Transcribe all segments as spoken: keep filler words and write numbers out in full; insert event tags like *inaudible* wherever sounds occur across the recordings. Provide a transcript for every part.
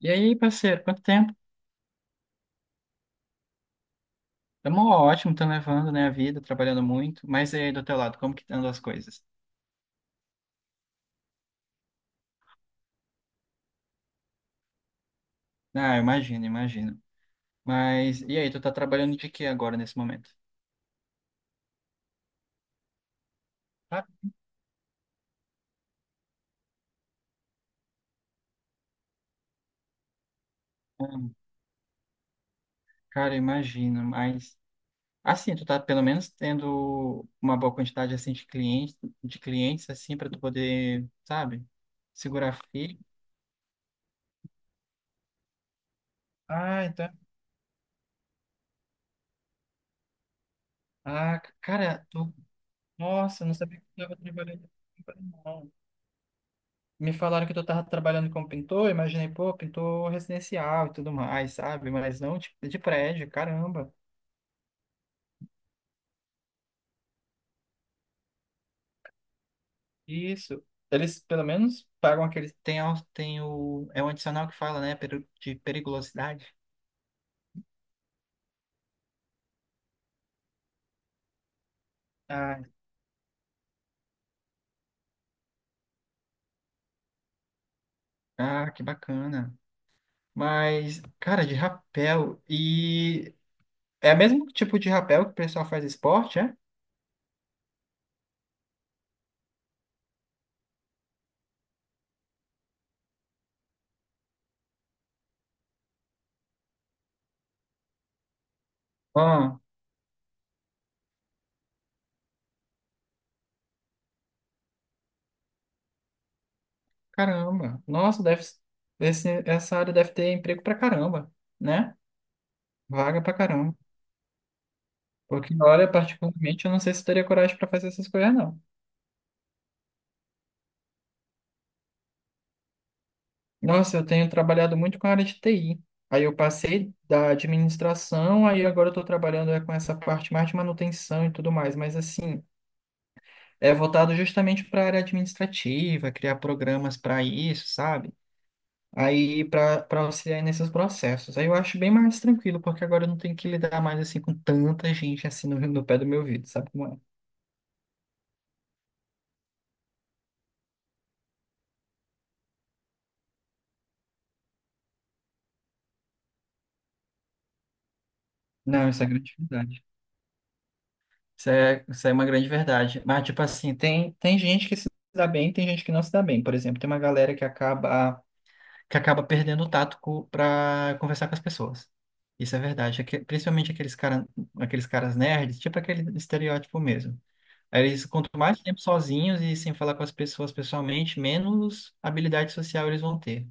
E aí, parceiro, quanto tempo? Tamo ótimo, tamo levando, né, a vida, trabalhando muito. Mas e aí, do teu lado, como que andam as coisas? Ah, eu imagino, imagino. Mas e aí, tu tá trabalhando de quê agora, nesse momento? Ah, cara, imagino, mas... Assim, tu tá pelo menos tendo uma boa quantidade, assim, de clientes, de clientes, assim, pra tu poder, sabe, segurar firme. Ah, então... Ah, cara, tu... Nossa, eu não sabia que tu tava trabalhando. Me falaram que tu tava trabalhando como pintor, imaginei, pô, pintor residencial e tudo mais, sabe? Mas não de, de prédio, caramba. Isso. Eles, pelo menos, pagam aquele. Tem, a- tem o. É um adicional que fala, né? peri- De periculosidade. Ah, ah, que bacana. Mas, cara, de rapel. E. É o mesmo tipo de rapel que o pessoal faz esporte, é? Ah, caramba. Nossa, deve. Esse, essa área deve ter emprego pra caramba, né? Vaga pra caramba. Porque na hora, particularmente, eu não sei se teria coragem para fazer essas coisas, não. Nossa, eu tenho trabalhado muito com a área de T I. Aí eu passei da administração, aí agora eu estou trabalhando é, com essa parte mais de manutenção e tudo mais. Mas, assim, é voltado justamente para a área administrativa, criar programas para isso, sabe? Aí para para auxiliar nesses processos. Aí eu acho bem mais tranquilo, porque agora eu não tenho que lidar mais assim com tanta gente assim no, no pé do meu ouvido, sabe como é? Não, isso é grande. Isso é, isso é uma grande verdade. Mas, tipo assim, tem, tem gente que se dá bem, tem gente que não se dá bem. Por exemplo, tem uma galera que acaba, que acaba perdendo o tato para conversar com as pessoas. Isso é verdade. Aque- Principalmente aqueles cara, aqueles caras nerds, tipo aquele estereótipo mesmo. Aí eles, quanto mais tempo sozinhos e sem falar com as pessoas pessoalmente, menos habilidade social eles vão ter.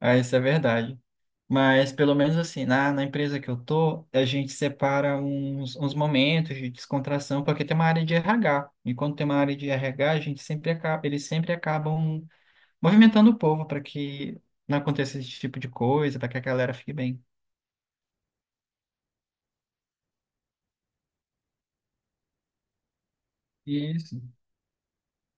Ah, isso é verdade. Mas pelo menos assim, na, na empresa que eu tô, a gente separa uns, uns momentos de descontração, porque tem uma área de R H. E quando tem uma área de R H, a gente sempre acaba, eles sempre acabam movimentando o povo para que não aconteça esse tipo de coisa, para que a galera fique bem. Isso.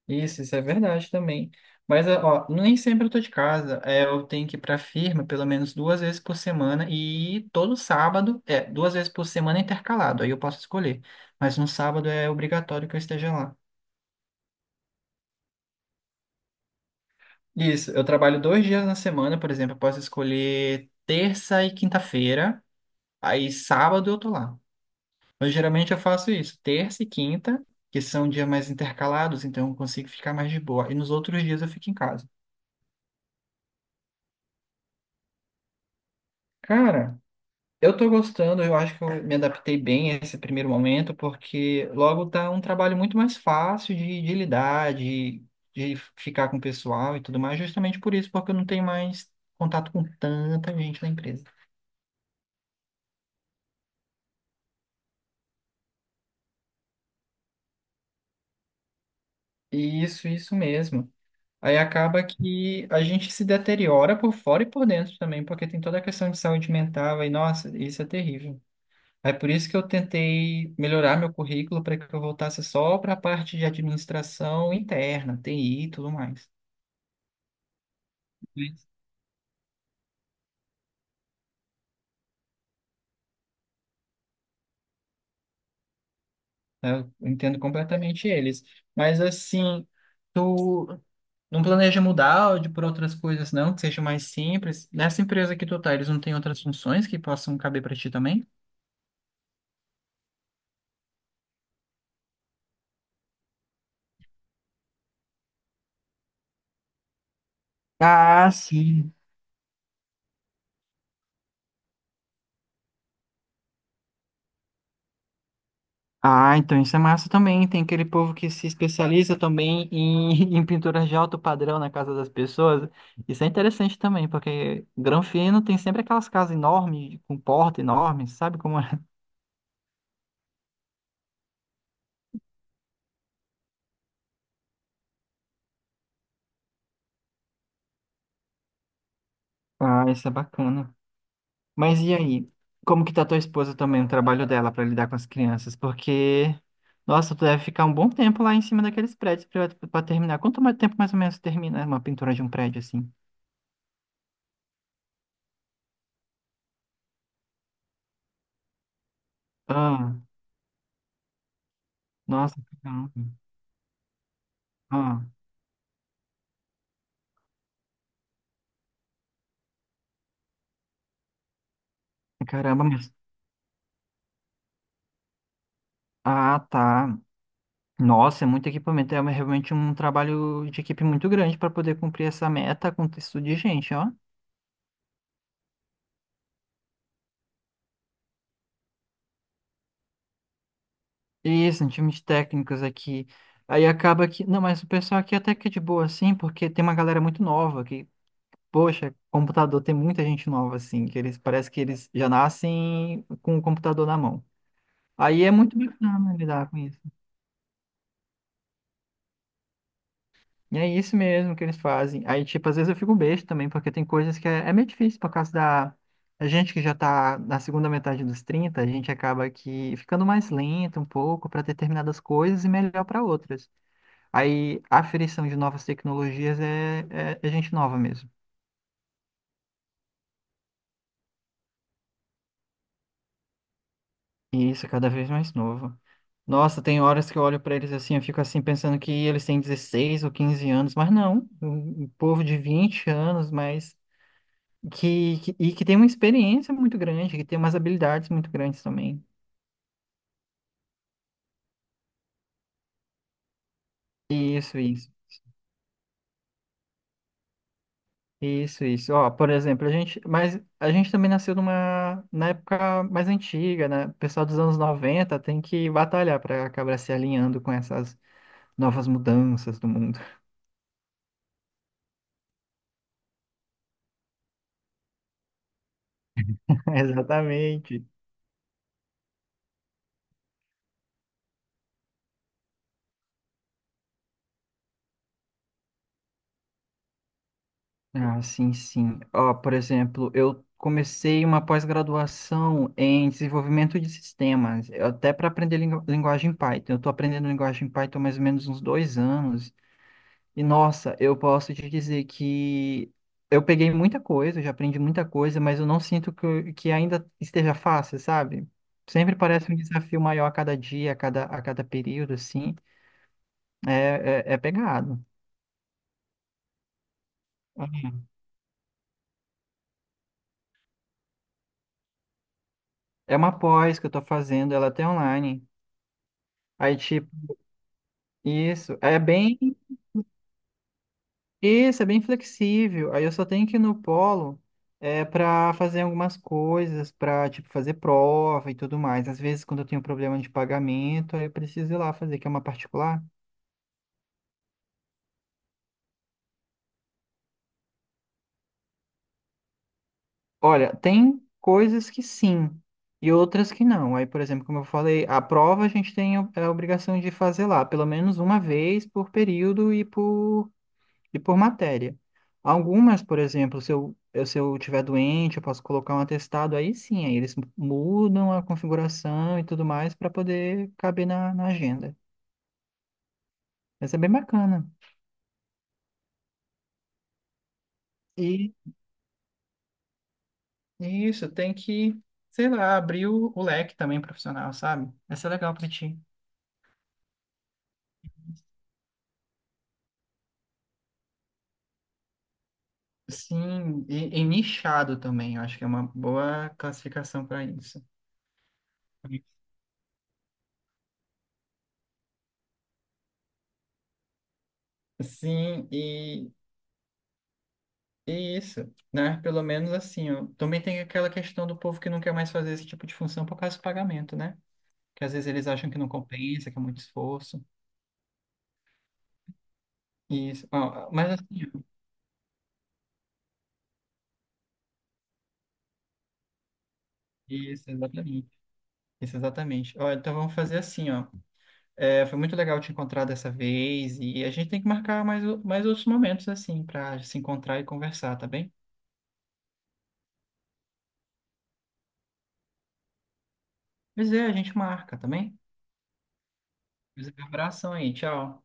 Isso, isso é verdade também. Mas, ó, nem sempre eu tô de casa. É, eu tenho que ir pra firma pelo menos duas vezes por semana e todo sábado, é, duas vezes por semana é intercalado, aí eu posso escolher. Mas no sábado é obrigatório que eu esteja lá. Isso, eu trabalho dois dias na semana, por exemplo, eu posso escolher terça e quinta-feira, aí sábado eu tô lá. Mas geralmente eu faço isso, terça e quinta, que são dias mais intercalados, então eu consigo ficar mais de boa. E nos outros dias eu fico em casa. Cara. Eu tô gostando, eu acho que eu me adaptei bem a esse primeiro momento, porque logo tá um trabalho muito mais fácil de, de lidar, de, de ficar com o pessoal e tudo mais, justamente por isso, porque eu não tenho mais contato com tanta gente na empresa. Isso, isso mesmo. Aí acaba que a gente se deteriora por fora e por dentro também, porque tem toda a questão de saúde mental, e nossa, isso é terrível. É por isso que eu tentei melhorar meu currículo para que eu voltasse só para a parte de administração interna, T I e tudo mais. Mas, é, eu entendo completamente eles. Mas assim, tu não planeja mudar de por outras coisas, não, que seja mais simples? Nessa empresa que tu tá, eles não têm outras funções que possam caber para ti também? Ah, sim. Ah, então isso é massa também. Tem aquele povo que se especializa também em, *laughs* em pinturas de alto padrão na casa das pessoas. Isso é interessante também, porque Granfino tem sempre aquelas casas enormes, com porta enorme, sabe como é? Ah, isso é bacana. Mas e aí? Como que tá tua esposa também, o trabalho dela para lidar com as crianças? Porque, nossa, tu deve ficar um bom tempo lá em cima daqueles prédios para terminar. Quanto mais tempo mais ou menos termina uma pintura de um prédio assim? Ah, nossa, caramba. Ah, caramba, mas Ah, tá. Nossa, é muito equipamento. É realmente um trabalho de equipe muito grande para poder cumprir essa meta com texto de gente, ó. Isso, um time de técnicos aqui. Aí acaba que. Não, mas o pessoal aqui até que é de boa, assim, porque tem uma galera muito nova que, poxa, computador tem muita gente nova, assim, que eles parece que eles já nascem com o computador na mão. Aí é muito bacana lidar com isso. E é isso mesmo que eles fazem. Aí, tipo, às vezes eu fico besta também, porque tem coisas que é, é meio difícil por causa da. A gente que já tá na segunda metade dos trinta a gente acaba que ficando mais lento um pouco para determinadas coisas e melhor para outras. Aí a aferição de novas tecnologias é, é, é gente nova mesmo. E isso é cada vez mais novo. Nossa, tem horas que eu olho para eles assim, eu fico assim pensando que eles têm dezesseis ou quinze anos, mas não, um um povo de vinte anos, mas que, que- e que tem uma experiência muito grande, que tem umas habilidades muito grandes também. Isso, isso. Isso, isso. Ó, por exemplo, a gente, mas a gente também nasceu numa, na época mais antiga, né? O pessoal dos anos noventa tem que batalhar para acabar se alinhando com essas novas mudanças do mundo. *laughs* Exatamente. Ah, sim, sim. Ó, por exemplo, eu comecei uma pós-graduação em desenvolvimento de sistemas, eu- até para aprender lingu- linguagem Python. Eu estou aprendendo linguagem Python há mais ou menos uns dois anos. E, nossa, eu posso te dizer que eu peguei muita coisa, eu já aprendi muita coisa, mas eu não sinto que, eu- que ainda esteja fácil, sabe? Sempre parece um desafio maior a cada dia, a cada, a cada período, assim. É, é, é pegado. Uhum. É uma pós que eu estou fazendo, ela é até online. Aí, tipo, Isso, é bem, isso, é bem flexível. Aí eu só tenho que ir no polo é para fazer algumas coisas, para tipo fazer prova e tudo mais. Às vezes quando eu tenho problema de pagamento, aí eu preciso ir lá fazer, que é uma particular. Olha, tem coisas que sim e outras que não. Aí, por exemplo, como eu falei, a prova a gente tem a a obrigação de fazer lá, pelo menos uma vez por período e por e por matéria. Algumas, por exemplo, se eu, eu- se eu tiver doente, eu posso colocar um atestado, aí sim, aí eles mudam a configuração e tudo mais para poder caber na, na agenda. Mas é bem bacana. E e isso, tem que, sei lá, abrir o, o leque também profissional, sabe? Vai ser legal para ti. Sim, e, e nichado também, eu acho que é uma boa classificação para isso. Sim, e Isso, né? Pelo menos assim, ó. Também tem aquela questão do povo que não quer mais fazer esse tipo de função por causa do pagamento, né? Que às vezes eles acham que não compensa, que é muito esforço. Isso, ó, mas assim, ó, isso, exatamente. Isso, exatamente. Ó, então vamos fazer assim, ó. É, foi muito legal te encontrar dessa vez e a gente tem que marcar mais, o- mais outros momentos, assim, para se encontrar e conversar, tá bem? Pois é, a gente marca, tá bem? Pois é, um abração aí, tchau.